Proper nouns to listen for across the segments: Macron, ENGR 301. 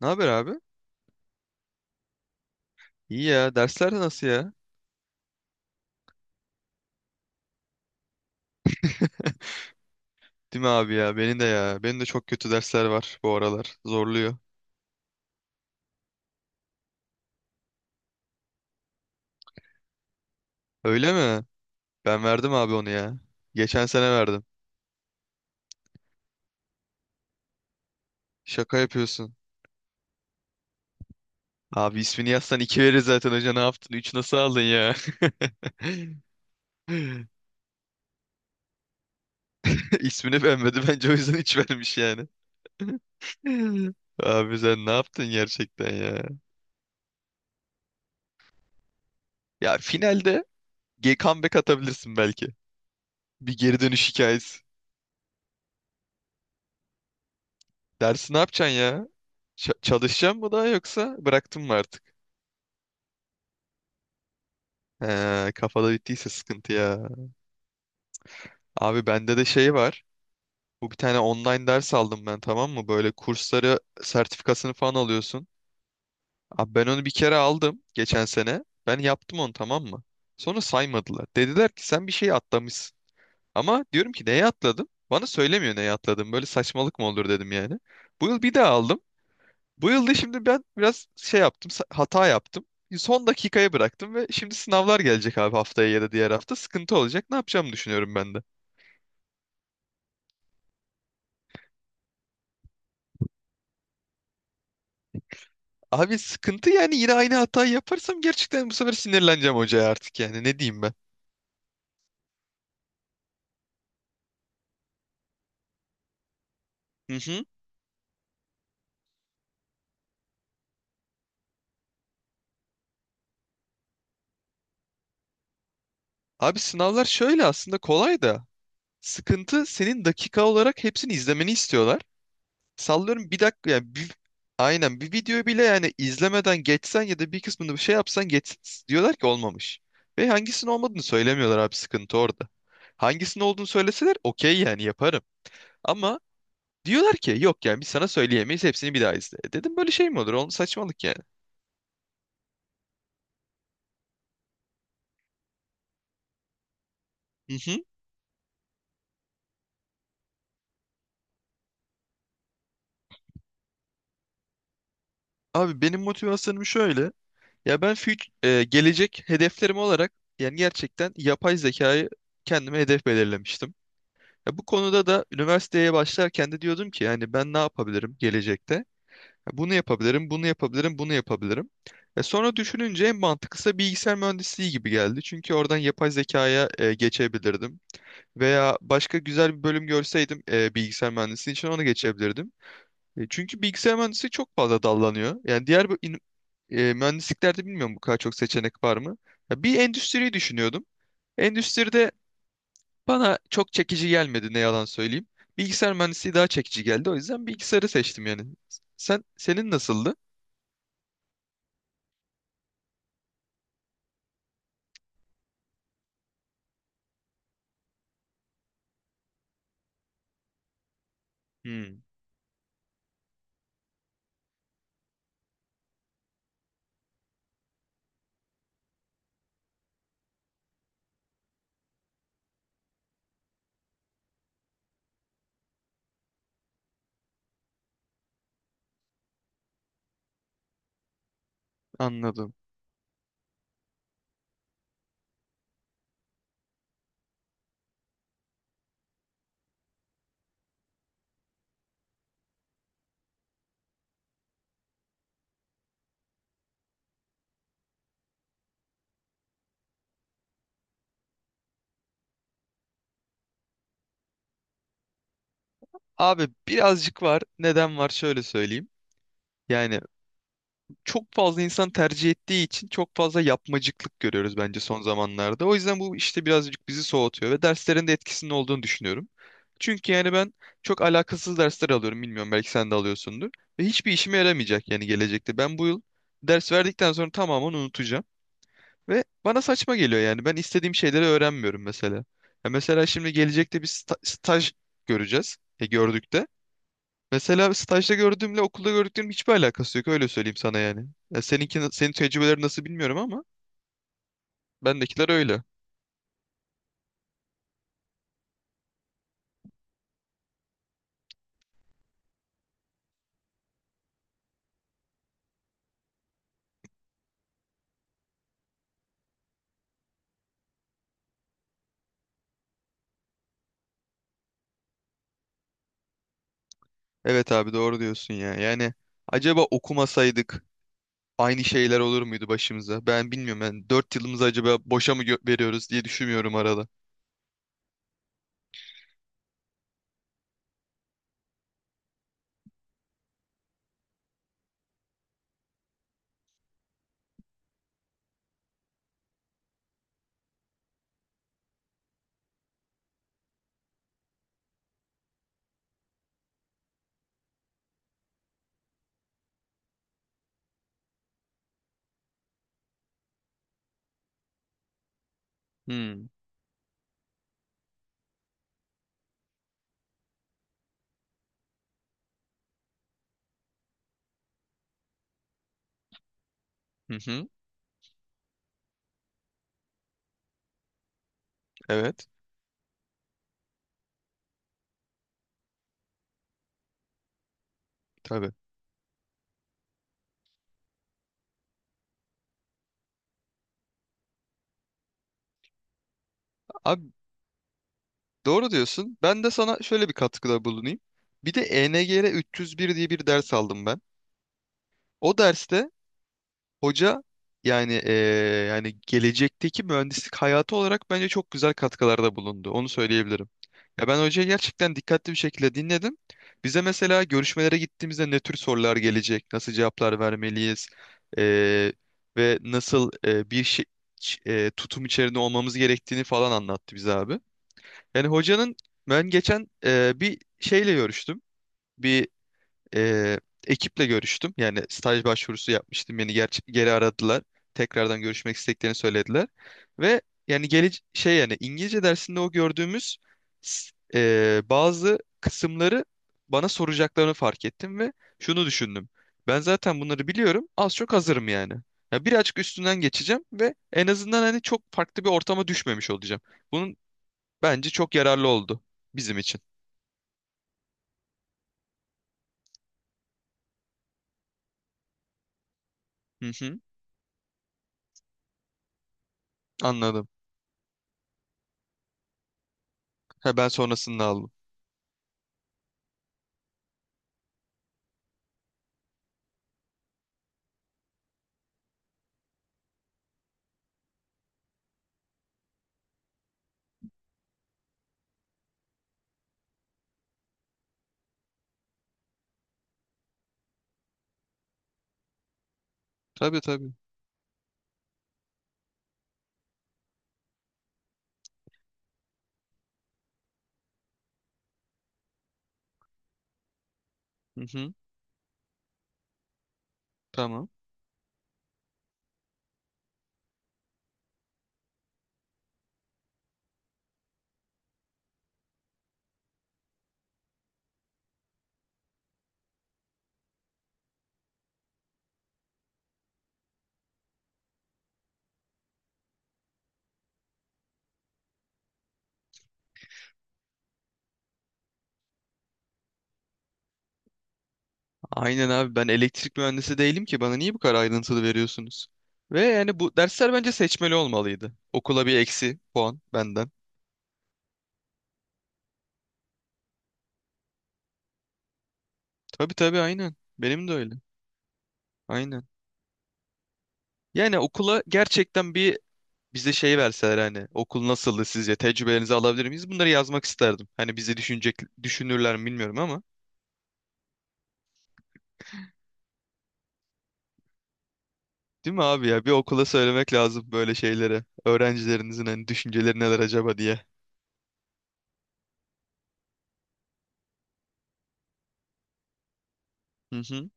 Ne haber abi? İyi ya. Dersler de nasıl ya? Değil mi abi ya? Benim de ya. Benim de çok kötü dersler var bu aralar. Zorluyor. Öyle mi? Ben verdim abi onu ya. Geçen sene verdim. Şaka yapıyorsun. Abi ismini yazsan iki verir zaten hoca. Ne yaptın? Üç nasıl aldın ya? İsmini beğenmedi. Bence o yüzden üç vermiş yani. Abi sen ne yaptın gerçekten ya? Ya finalde comeback atabilirsin belki. Bir geri dönüş hikayesi. Dersi ne yapacaksın ya? Çalışacağım mı daha yoksa bıraktım mı artık? He, kafada bittiyse sıkıntı ya. Abi bende de şey var. Bu bir tane online ders aldım ben, tamam mı? Böyle kursları, sertifikasını falan alıyorsun. Abi ben onu bir kere aldım geçen sene. Ben yaptım onu, tamam mı? Sonra saymadılar. Dediler ki sen bir şey atlamışsın. Ama diyorum ki neye atladım? Bana söylemiyor neye atladım. Böyle saçmalık mı olur dedim yani. Bu yıl bir daha aldım. Bu yılda şimdi ben biraz şey yaptım, hata yaptım. Son dakikaya bıraktım ve şimdi sınavlar gelecek abi, haftaya ya da diğer hafta. Sıkıntı olacak. Ne yapacağımı düşünüyorum ben de. Abi sıkıntı yani, yine aynı hatayı yaparsam gerçekten bu sefer sinirleneceğim hocaya artık yani. Ne diyeyim ben? Hı hı. Abi sınavlar şöyle aslında kolay da. Sıkıntı, senin dakika olarak hepsini izlemeni istiyorlar. Sallıyorum bir dakika yani aynen, bir videoyu bile yani izlemeden geçsen ya da bir kısmını bir şey yapsan, geç diyorlar ki olmamış. Ve hangisinin olmadığını söylemiyorlar abi, sıkıntı orada. Hangisinin olduğunu söyleseler okey yani, yaparım. Ama diyorlar ki yok yani biz sana söyleyemeyiz, hepsini bir daha izle. E dedim böyle şey mi olur? Oğlum saçmalık yani. Hı hı. Abi benim motivasyonum şöyle. Ya ben gelecek hedeflerim olarak yani gerçekten yapay zekayı kendime hedef belirlemiştim. Ya bu konuda da üniversiteye başlarken de diyordum ki yani ben ne yapabilirim gelecekte? Ya bunu yapabilirim, bunu yapabilirim, bunu yapabilirim. E sonra düşününce en mantıklısı bilgisayar mühendisliği gibi geldi. Çünkü oradan yapay zekaya geçebilirdim. Veya başka güzel bir bölüm görseydim bilgisayar mühendisliği için ona geçebilirdim. Çünkü bilgisayar mühendisliği çok fazla dallanıyor. Yani diğer bu mühendisliklerde bilmiyorum bu kadar çok seçenek var mı? Ya bir endüstriyi düşünüyordum. Endüstride bana çok çekici gelmedi, ne yalan söyleyeyim. Bilgisayar mühendisliği daha çekici geldi. O yüzden bilgisayarı seçtim yani. Sen, senin nasıldı? Hmm, anladım. Abi birazcık var. Neden var şöyle söyleyeyim. Yani çok fazla insan tercih ettiği için çok fazla yapmacıklık görüyoruz bence son zamanlarda. O yüzden bu işte birazcık bizi soğutuyor ve derslerin de etkisinin olduğunu düşünüyorum. Çünkü yani ben çok alakasız dersler alıyorum. Bilmiyorum, belki sen de alıyorsundur. Ve hiçbir işime yaramayacak yani gelecekte. Ben bu yıl ders verdikten sonra tamamen unutacağım. Ve bana saçma geliyor yani. Ben istediğim şeyleri öğrenmiyorum mesela. Ya mesela şimdi gelecekte bir staj göreceğiz. E gördük de. Mesela stajda gördüğümle okulda gördüklerim hiçbir alakası yok. Öyle söyleyeyim sana yani. Ya seninki, senin tecrübeleri nasıl bilmiyorum ama bendekiler öyle. Evet abi, doğru diyorsun ya. Yani acaba okumasaydık aynı şeyler olur muydu başımıza? Ben bilmiyorum. Ben 4 yılımızı acaba boşa mı veriyoruz diye düşünüyorum arada. Hmm. Hı hı. Evet. Tabii. Abi doğru diyorsun. Ben de sana şöyle bir katkıda bulunayım. Bir de ENGR 301 diye bir ders aldım ben. O derste hoca yani yani gelecekteki mühendislik hayatı olarak bence çok güzel katkılarda bulundu. Onu söyleyebilirim. Ya ben hocayı gerçekten dikkatli bir şekilde dinledim. Bize mesela görüşmelere gittiğimizde ne tür sorular gelecek, nasıl cevaplar vermeliyiz eee, ve nasıl bir şey, tutum içerisinde olmamız gerektiğini falan anlattı bize abi. Yani hocanın, ben geçen bir şeyle görüştüm. Bir e, ekiple görüştüm. Yani staj başvurusu yapmıştım. Beni geri aradılar. Tekrardan görüşmek istediklerini söylediler. Ve yani gele şey yani İngilizce dersinde o gördüğümüz bazı kısımları bana soracaklarını fark ettim ve şunu düşündüm. Ben zaten bunları biliyorum. Az çok hazırım yani. Ya birazcık üstünden geçeceğim ve en azından hani çok farklı bir ortama düşmemiş olacağım. Bunun, bence çok yararlı oldu bizim için. Hı hı, anladım. Ha, ben sonrasını aldım. Tabii, tabii. Hı hı, tamam. Aynen abi, ben elektrik mühendisi değilim ki bana niye bu kadar ayrıntılı veriyorsunuz? Ve yani bu dersler bence seçmeli olmalıydı. Okula bir eksi puan benden. Tabii tabii, aynen. Benim de öyle. Aynen. Yani okula gerçekten bir, bize şey verseler hani okul nasıldı sizce, tecrübelerinizi alabilir miyiz? Bunları yazmak isterdim. Hani bizi düşünecek, düşünürler mi bilmiyorum ama. Değil mi abi ya? Bir okula söylemek lazım böyle şeyleri. Öğrencilerinizin hani düşünceleri neler acaba diye. Hı hı.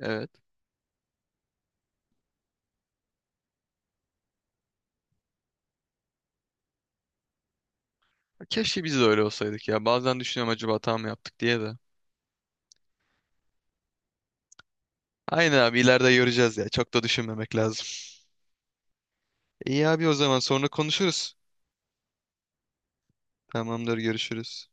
Evet. Keşke biz de öyle olsaydık ya. Bazen düşünüyorum acaba hata mı yaptık diye de. Aynen abi, ileride göreceğiz ya. Çok da düşünmemek lazım. İyi abi, o zaman sonra konuşuruz. Tamamdır, görüşürüz.